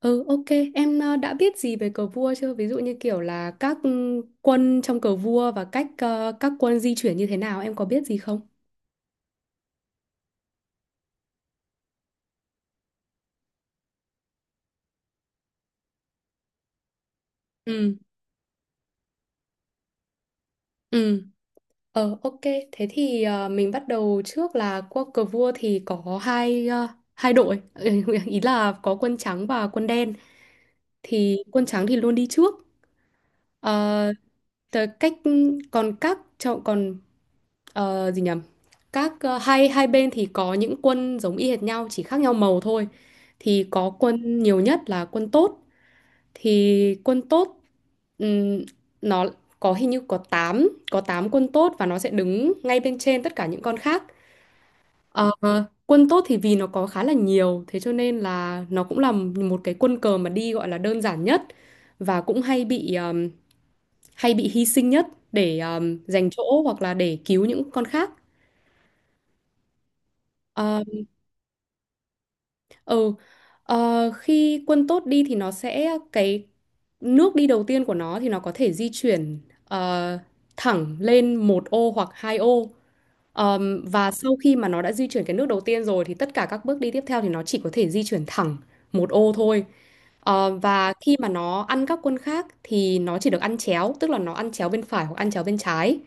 Ừ, ok. Em đã biết gì về cờ vua chưa? Ví dụ như kiểu là các quân trong cờ vua và cách các quân di chuyển như thế nào, em có biết gì không? Ừ, ừ. Ờ, ok. Thế thì mình bắt đầu trước là qua cờ vua thì có hai đội. Ý là có quân trắng và quân đen. Thì quân trắng thì luôn đi trước. Ờ, tờ- cách còn các cho- còn ờ, gì nhầm các ờ, hai hai bên thì có những quân giống y hệt nhau chỉ khác nhau màu thôi. Thì có quân nhiều nhất là quân tốt. Thì quân tốt, ừm, nó có hình như có tám quân tốt và nó sẽ đứng ngay bên trên tất cả những con khác. Ờ, Quân tốt thì vì nó có khá là nhiều thế cho nên là nó cũng là một cái quân cờ mà đi gọi là đơn giản nhất, và cũng hay bị hy sinh nhất để giành chỗ hoặc là để cứu những con khác. Ờ, ừ, Khi quân tốt đi thì nó sẽ cái nước đi đầu tiên của nó thì nó có thể di chuyển ờ, thẳng lên một ô hoặc hai ô. Và sau khi mà nó đã di chuyển cái nước đầu tiên rồi thì tất cả các bước đi tiếp theo thì nó chỉ có thể di chuyển thẳng một ô thôi. Và khi mà nó ăn các quân khác thì nó chỉ được ăn chéo, tức là nó ăn chéo bên phải hoặc ăn chéo bên trái.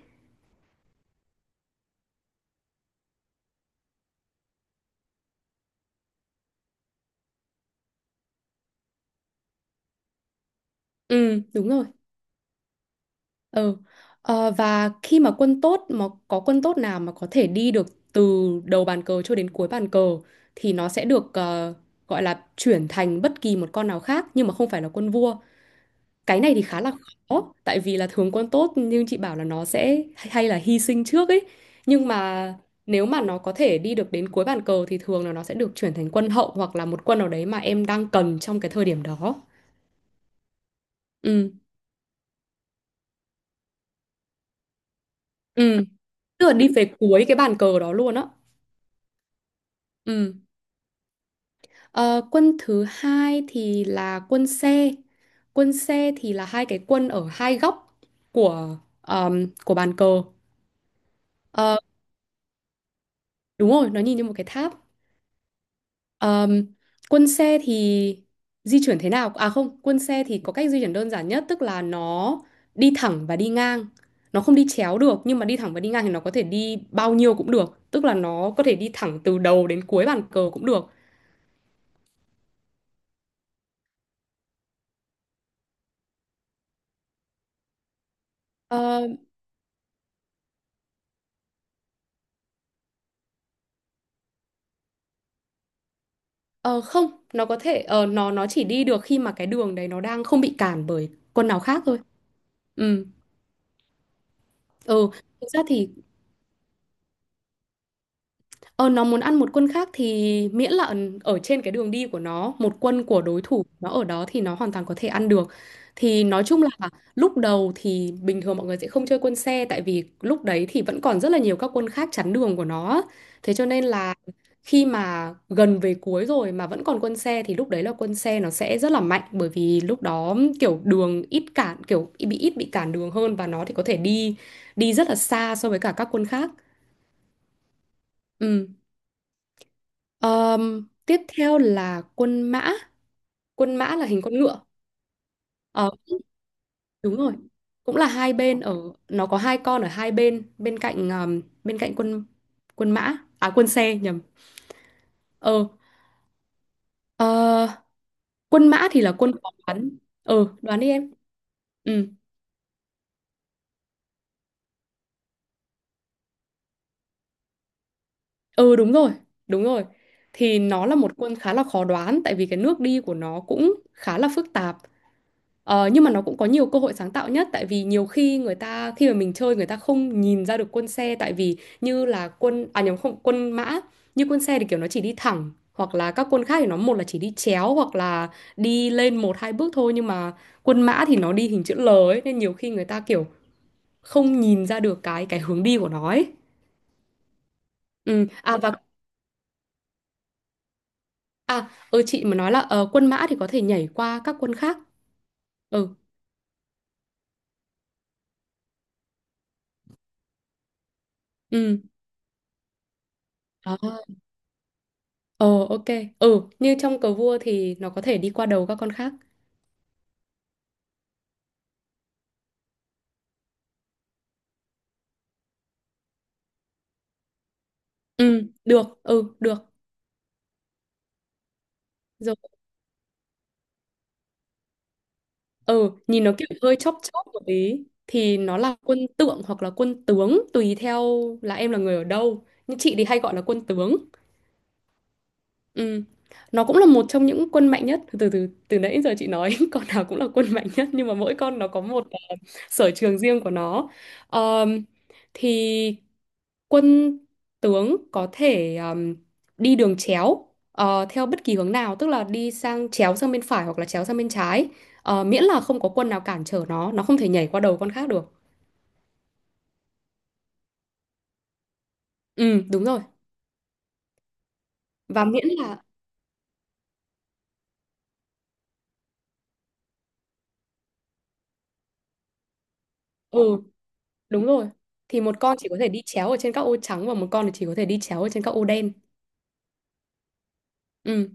Ừ, đúng rồi. Ừ. Và khi mà quân tốt mà có quân tốt nào mà có thể đi được từ đầu bàn cờ cho đến cuối bàn cờ thì nó sẽ được gọi là chuyển thành bất kỳ một con nào khác nhưng mà không phải là quân vua. Cái này thì khá là khó tại vì là thường quân tốt nhưng chị bảo là nó sẽ hay là hy sinh trước ấy. Nhưng mà nếu mà nó có thể đi được đến cuối bàn cờ thì thường là nó sẽ được chuyển thành quân hậu hoặc là một quân nào đấy mà em đang cần trong cái thời điểm đó. Ừ. Ừ. Tức là đi về cuối cái bàn cờ đó luôn á. Ừ. Ờ, Quân thứ hai thì là quân xe. Quân xe thì là hai cái quân ở hai góc của bàn cờ. Ờ, Đúng rồi, nó nhìn như một cái tháp. Ờm, Quân xe thì di chuyển thế nào? À không, quân xe thì có cách di chuyển đơn giản nhất, tức là nó đi thẳng và đi ngang. Nó không đi chéo được, nhưng mà đi thẳng và đi ngang thì nó có thể đi bao nhiêu cũng được. Tức là nó có thể đi thẳng từ đầu đến cuối bàn cờ cũng được. Ờ, Ờ không, nó có thể nó chỉ đi được khi mà cái đường đấy nó đang không bị cản bởi con nào khác thôi. Ừ. Ừ, thực ra thì Ờ, nó muốn ăn một quân khác thì miễn là ở trên cái đường đi của nó, một quân của đối thủ nó ở đó thì nó hoàn toàn có thể ăn được. Thì nói chung là lúc đầu thì bình thường mọi người sẽ không chơi quân xe tại vì lúc đấy thì vẫn còn rất là nhiều các quân khác chắn đường của nó. Thế cho nên là khi mà gần về cuối rồi mà vẫn còn quân xe thì lúc đấy là quân xe nó sẽ rất là mạnh, bởi vì lúc đó kiểu đường ít cản kiểu bị ít bị cản đường hơn và nó thì có thể đi đi rất là xa so với cả các quân khác. Ừ. Tiếp theo là quân mã. Quân mã là hình con ngựa. Ờ, Đúng rồi. Cũng là hai bên ở nó có hai con ở hai bên bên cạnh quân quân mã à quân xe nhầm. Ờ, ờ, Quân mã thì là quân có bắn. Ờ, Đoán đi em. Ừ, ừ, đúng rồi, đúng rồi. Thì nó là một quân khá là khó đoán tại vì cái nước đi của nó cũng khá là phức tạp. Nhưng mà nó cũng có nhiều cơ hội sáng tạo nhất tại vì nhiều khi người ta khi mà mình chơi người ta không nhìn ra được quân xe tại vì như là quân à nhầm không quân mã, như quân xe thì kiểu nó chỉ đi thẳng hoặc là các quân khác thì nó một là chỉ đi chéo hoặc là đi lên một hai bước thôi, nhưng mà quân mã thì nó đi hình chữ L ấy nên nhiều khi người ta kiểu không nhìn ra được cái hướng đi của nó ấy. Và chị mà nói là quân mã thì có thể nhảy qua các quân khác. Ừ ừ. Đó. Ờ ok. Ừ, như trong cờ vua thì nó có thể đi qua đầu các con khác. Ừ, được, ừ, được. Rồi, ừ, nhìn nó kiểu hơi chóp chóp một tí thì nó là quân tượng hoặc là quân tướng tùy theo là em là người ở đâu. Nhưng chị thì hay gọi là quân tướng. Ừ. Nó cũng là một trong những quân mạnh nhất, từ từ từ nãy giờ chị nói con nào cũng là quân mạnh nhất nhưng mà mỗi con nó có một sở trường riêng của nó. Ờm, thì quân tướng có thể đi đường chéo theo bất kỳ hướng nào, tức là đi sang chéo sang bên phải hoặc là chéo sang bên trái. Miễn là không có quân nào cản trở nó không thể nhảy qua đầu con khác được. Ừ, đúng rồi. Và miễn là ừ Đúng rồi, thì một con chỉ có thể đi chéo ở trên các ô trắng và một con thì chỉ có thể đi chéo ở trên các ô đen. Ừ.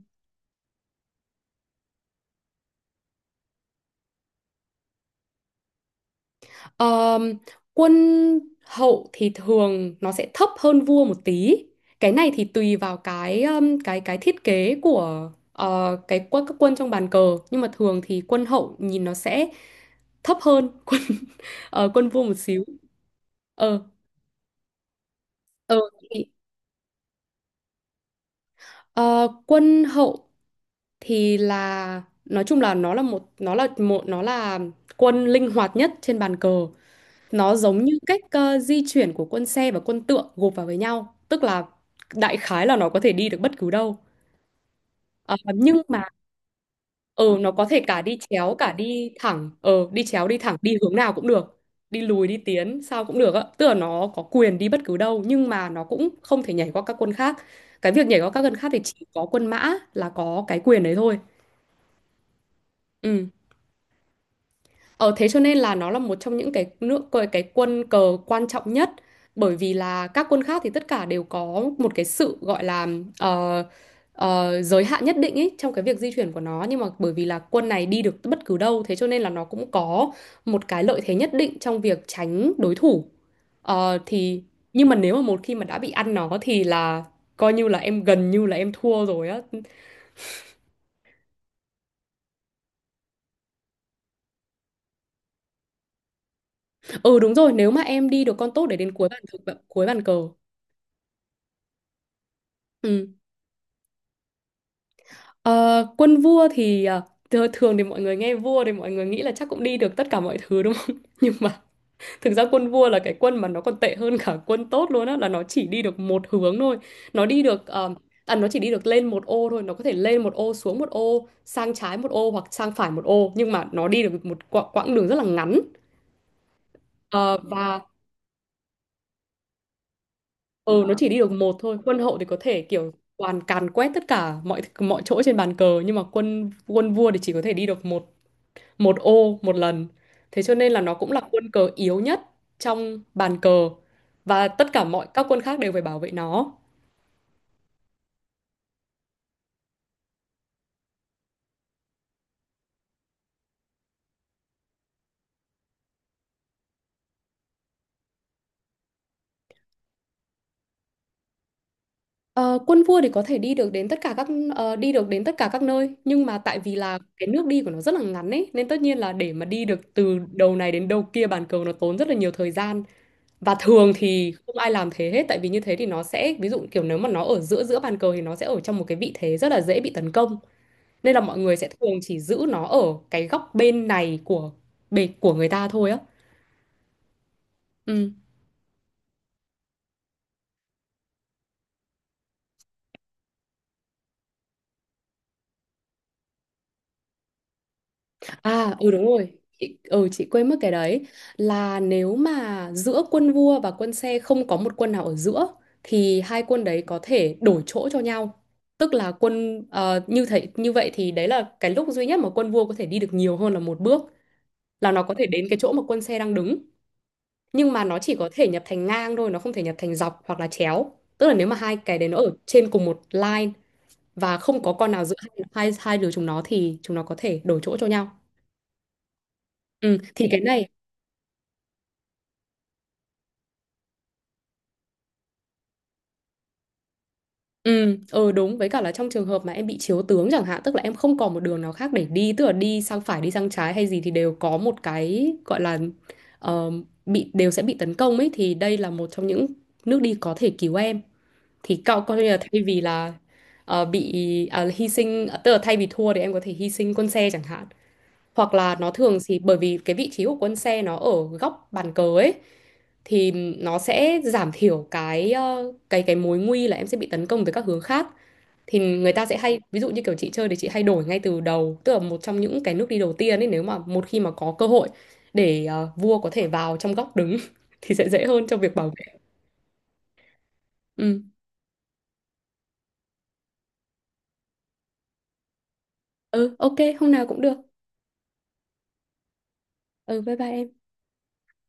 Ờm, Quân hậu thì thường nó sẽ thấp hơn vua một tí. Cái này thì tùy vào cái thiết kế của cái quân các quân trong bàn cờ, nhưng mà thường thì quân hậu nhìn nó sẽ thấp hơn quân vua một xíu. Ờ ờ thì ờ, Quân hậu thì là nói chung là nó là quân linh hoạt nhất trên bàn cờ. Nó giống như cách di chuyển của quân xe và quân tượng gộp vào với nhau, tức là đại khái là nó có thể đi được bất cứ đâu. Ờ, nhưng mà ừ, nó có thể cả đi chéo cả đi thẳng, đi hướng nào cũng được. Đi lùi đi tiến sao cũng được ạ, tức là nó có quyền đi bất cứ đâu nhưng mà nó cũng không thể nhảy qua các quân khác. Cái việc nhảy qua các quân khác thì chỉ có quân mã là có cái quyền đấy thôi. Ừ. Ờ Thế cho nên là nó là một trong những cái quân cờ quan trọng nhất, bởi vì là các quân khác thì tất cả đều có một cái sự gọi là ờ, giới hạn nhất định ấy trong cái việc di chuyển của nó, nhưng mà bởi vì là quân này đi được bất cứ đâu thế cho nên là nó cũng có một cái lợi thế nhất định trong việc tránh đối thủ. Ờ, thì Nhưng mà nếu mà một khi mà đã bị ăn nó thì là coi như là em gần như là em thua rồi á. Ừ, đúng rồi, nếu mà em đi được con tốt để đến cuối bàn cờ. Ừ. Ờ, Quân vua thì thường thì mọi người nghe vua thì mọi người nghĩ là chắc cũng đi được tất cả mọi thứ đúng không? Nhưng mà thực ra quân vua là cái quân mà nó còn tệ hơn cả quân tốt luôn á, là nó chỉ đi được một hướng thôi. Nó đi được, nó chỉ đi được lên một ô thôi, nó có thể lên một ô, xuống một ô, sang trái một ô hoặc sang phải một ô, nhưng mà nó đi được một quãng đường rất là ngắn. Ờ, và ừ, nó chỉ đi được một thôi. Quân hậu thì có thể kiểu toàn càn quét tất cả mọi mọi chỗ trên bàn cờ, nhưng mà quân quân vua thì chỉ có thể đi được một một ô một lần. Thế cho nên là nó cũng là quân cờ yếu nhất trong bàn cờ và tất cả mọi các quân khác đều phải bảo vệ nó. Ờ, Quân vua thì có thể đi được đến tất cả các nơi, nhưng mà tại vì là cái nước đi của nó rất là ngắn ấy nên tất nhiên là để mà đi được từ đầu này đến đầu kia bàn cờ nó tốn rất là nhiều thời gian, và thường thì không ai làm thế hết tại vì như thế thì nó sẽ, ví dụ kiểu nếu mà nó ở giữa giữa bàn cờ thì nó sẽ ở trong một cái vị thế rất là dễ bị tấn công. Nên là mọi người sẽ thường chỉ giữ nó ở cái góc bên này của bề của người ta thôi á. Ừ. À, ừ, đúng rồi. Chị quên mất cái đấy, là nếu mà giữa quân vua và quân xe không có một quân nào ở giữa thì hai quân đấy có thể đổi chỗ cho nhau. Tức là như thế như vậy thì đấy là cái lúc duy nhất mà quân vua có thể đi được nhiều hơn là một bước, là nó có thể đến cái chỗ mà quân xe đang đứng, nhưng mà nó chỉ có thể nhập thành ngang thôi, nó không thể nhập thành dọc hoặc là chéo, tức là nếu mà hai cái đấy nó ở trên cùng một line và không có con nào giữa hai, hai hai đứa chúng nó thì chúng nó có thể đổi chỗ cho nhau. Ừ, thì cái này Ừ, ừ, đúng với cả là trong trường hợp mà em bị chiếu tướng chẳng hạn, tức là em không còn một đường nào khác để đi, tức là đi sang phải đi sang trái hay gì thì đều có một cái gọi là, ờ, bị đều sẽ bị tấn công ấy, thì đây là một trong những nước đi có thể cứu em, thì cậu coi như là thay vì là hy sinh, tức là thay vì thua thì em có thể hy sinh con xe chẳng hạn, hoặc là nó, thường thì bởi vì cái vị trí của quân xe nó ở góc bàn cờ ấy thì nó sẽ giảm thiểu cái ờ, cái mối nguy là em sẽ bị tấn công từ các hướng khác. Thì người ta sẽ hay, ví dụ như kiểu chị chơi thì chị hay đổi ngay từ đầu, tức là một trong những cái nước đi đầu tiên ấy nếu mà một khi mà có cơ hội để vua có thể vào trong góc đứng thì sẽ dễ hơn trong việc bảo vệ. Ừ. Ừ, ok, hôm nào cũng được. Ừ, bye bye em.